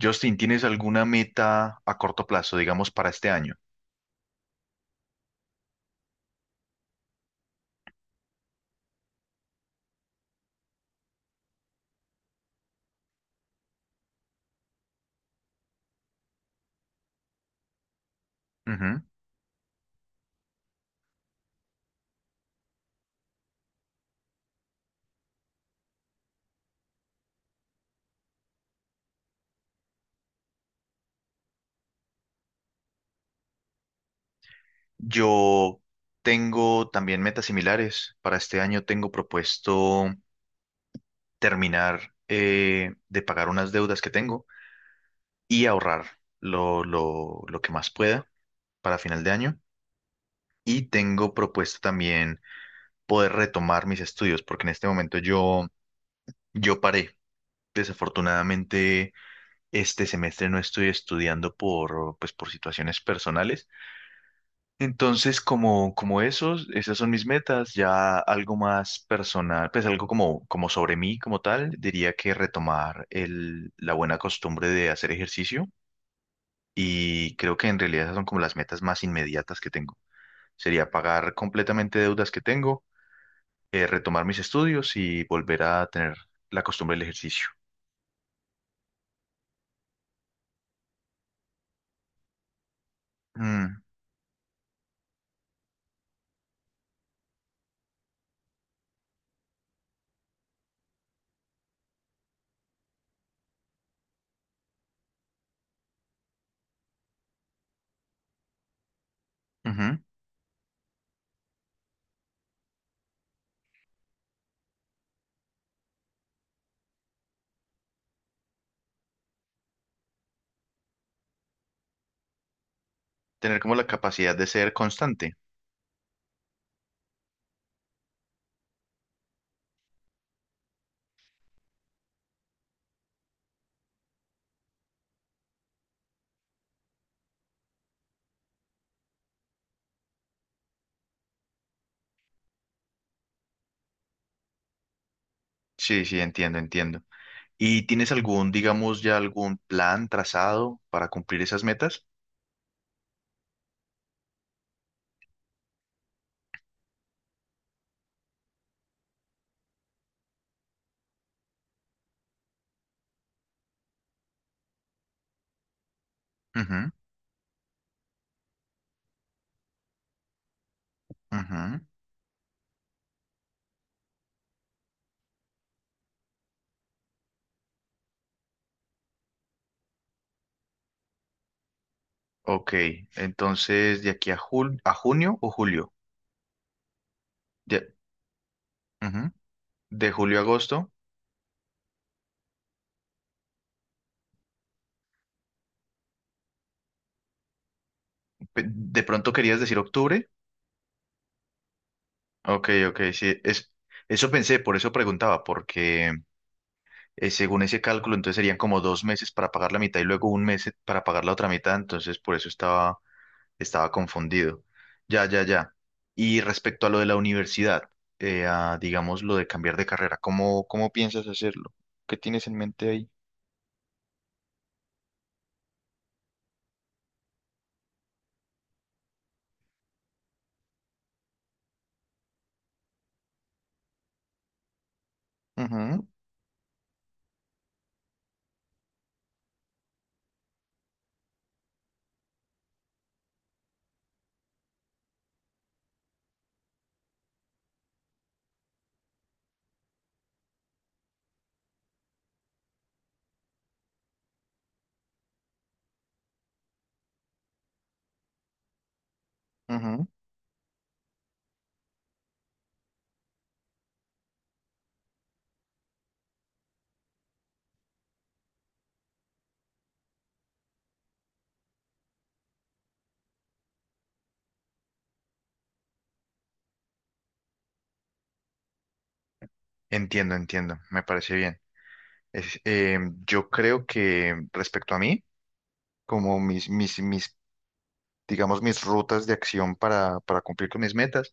Justin, ¿tienes alguna meta a corto plazo, digamos, para este año? Ujú. Yo tengo también metas similares. Para este año tengo propuesto terminar de pagar unas deudas que tengo y ahorrar lo que más pueda para final de año. Y tengo propuesto también poder retomar mis estudios, porque en este momento yo paré. Desafortunadamente, este semestre no estoy estudiando pues por situaciones personales. Entonces, como esas son mis metas, ya algo más personal, pues algo como sobre mí, como tal, diría que retomar la buena costumbre de hacer ejercicio, y creo que en realidad esas son como las metas más inmediatas que tengo. Sería pagar completamente deudas que tengo, retomar mis estudios y volver a tener la costumbre del ejercicio. Mm, ujú. Tener como la capacidad de ser constante. Sí, sí, entiendo, entiendo. ¿Y tienes algún, digamos, ya algún plan trazado para cumplir esas metas? Ujú, ujú. Ok, entonces de aquí a, jul- a junio o julio. De, ujú. De julio a agosto. Pe- ¿De pronto querías decir octubre? Ok, ok, sí. Es, eso pensé, por eso preguntaba, porque según ese cálculo, entonces serían como dos meses para pagar la mitad y luego un mes para pagar la otra mitad, entonces por eso estaba. Estaba confundido. Ya, ya, ya. Y respecto a lo de la universidad, digamos lo de cambiar de carrera, ¿cómo, cómo piensas hacerlo? ¿Qué tienes en mente ahí? Ujú, ujú. Entiendo, entiendo, me parece bien. Es, yo creo que respecto a mí, como mis, digamos, mis rutas de acción para cumplir con mis metas,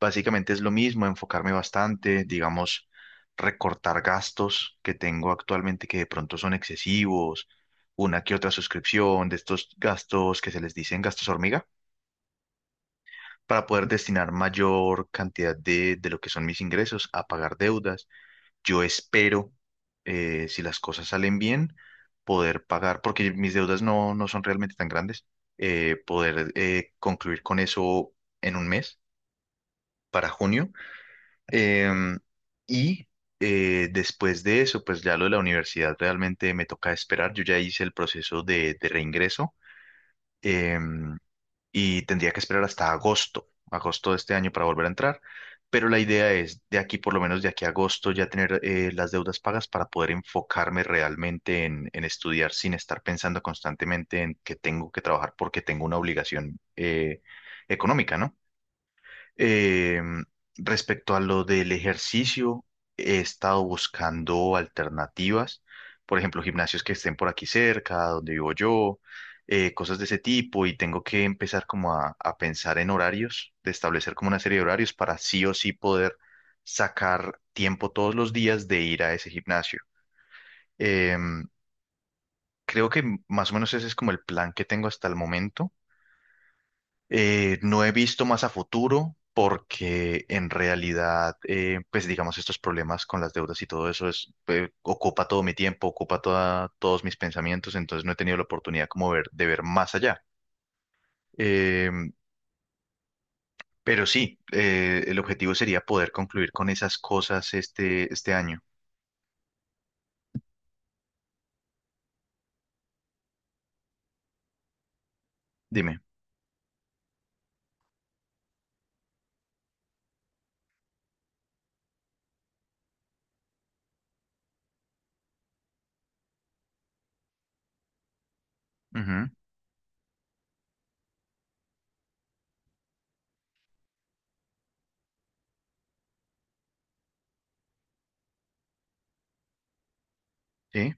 básicamente es lo mismo, enfocarme bastante, digamos, recortar gastos que tengo actualmente que de pronto son excesivos, una que otra suscripción de estos gastos que se les dicen gastos hormiga, para poder destinar mayor cantidad de lo que son mis ingresos a pagar deudas. Yo espero, si las cosas salen bien, poder pagar, porque mis deudas no son realmente tan grandes, eh, poder concluir con eso en un mes, para junio. Em, y después de eso, pues ya lo de la universidad realmente me toca esperar. Yo ya hice el proceso de reingreso, em, y tendría que esperar hasta agosto, agosto de este año para volver a entrar. Pero la idea es de aquí, por lo menos de aquí a agosto, ya tener las deudas pagas para poder enfocarme realmente en estudiar sin estar pensando constantemente en que tengo que trabajar porque tengo una obligación económica, ¿no? Eh, Respecto a lo del ejercicio, he estado buscando alternativas, por ejemplo, gimnasios que estén por aquí cerca, donde vivo yo, cosas de ese tipo, y tengo que empezar como a pensar en horarios, de establecer como una serie de horarios para sí o sí poder sacar tiempo todos los días de ir a ese gimnasio. Em, creo que más o menos ese es como el plan que tengo hasta el momento. No he visto más a futuro porque en realidad, pues digamos, estos problemas con las deudas y todo eso ocupa todo mi tiempo, ocupa todos mis pensamientos, entonces no he tenido la oportunidad de ver más allá. Eh, pero sí, el objetivo sería poder concluir con esas cosas este, este año. Dime. Ujú. ¿Sí?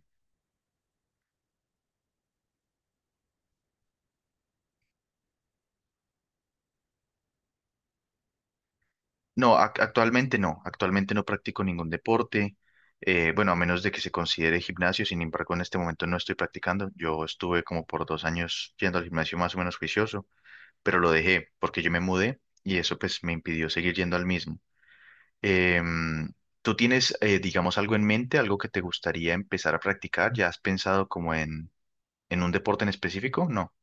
No, actualmente no, actualmente no practico ningún deporte, bueno, a menos de que se considere gimnasio, sin embargo, en este momento no estoy practicando. Yo estuve como por dos años yendo al gimnasio más o menos juicioso, pero lo dejé porque yo me mudé y eso pues me impidió seguir yendo al mismo. Em, ¿tú tienes, digamos, algo en mente, algo que te gustaría empezar a practicar? ¿Ya has pensado como en un deporte en específico? No.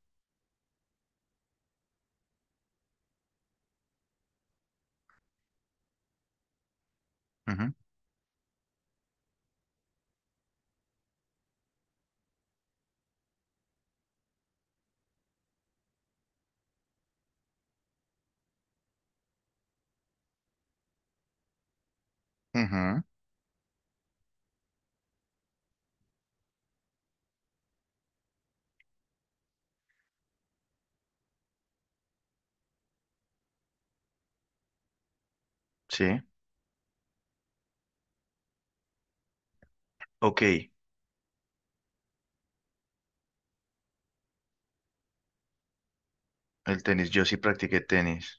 Ujú, ujú, sí, ok, el tenis, yo sí practiqué tenis.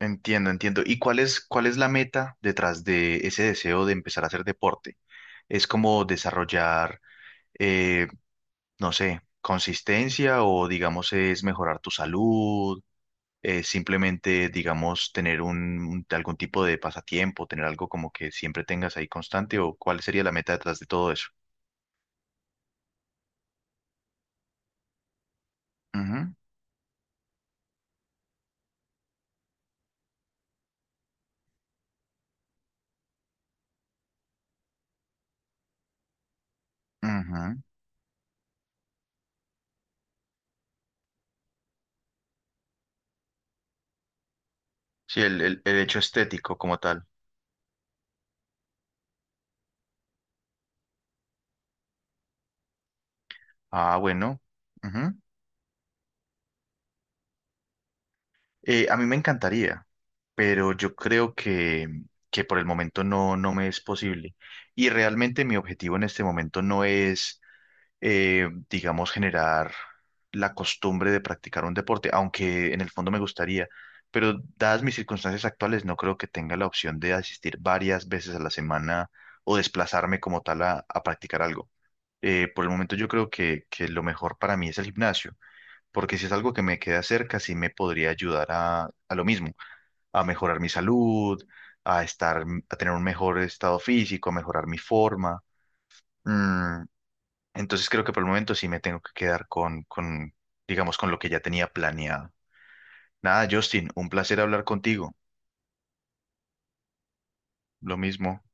Entiendo, entiendo. ¿Y cuál es la meta detrás de ese deseo de empezar a hacer deporte? ¿Es como desarrollar, eh, no sé, consistencia o digamos es mejorar tu salud? Simplemente, digamos, tener algún tipo de pasatiempo, tener algo como que siempre tengas ahí constante, ¿o cuál sería la meta detrás de todo eso? Ujú, ujú. Sí, el hecho estético como tal. Ah, bueno. A mí me encantaría, pero yo creo que por el momento no, no me es posible. Y realmente mi objetivo en este momento no es, digamos, generar la costumbre de practicar un deporte, aunque en el fondo me gustaría. Pero dadas mis circunstancias actuales, no creo que tenga la opción de asistir varias veces a la semana o desplazarme como tal a practicar algo. Por el momento yo creo que lo mejor para mí es el gimnasio, porque si es algo que me queda cerca, sí me podría ayudar a lo mismo, a mejorar mi salud, a estar, mm, a tener un mejor estado físico, a mejorar mi forma. Mm, entonces creo que por el momento sí me tengo que quedar con digamos, con lo que ya tenía planeado. Nada, Justin, un placer hablar contigo. Lo mismo.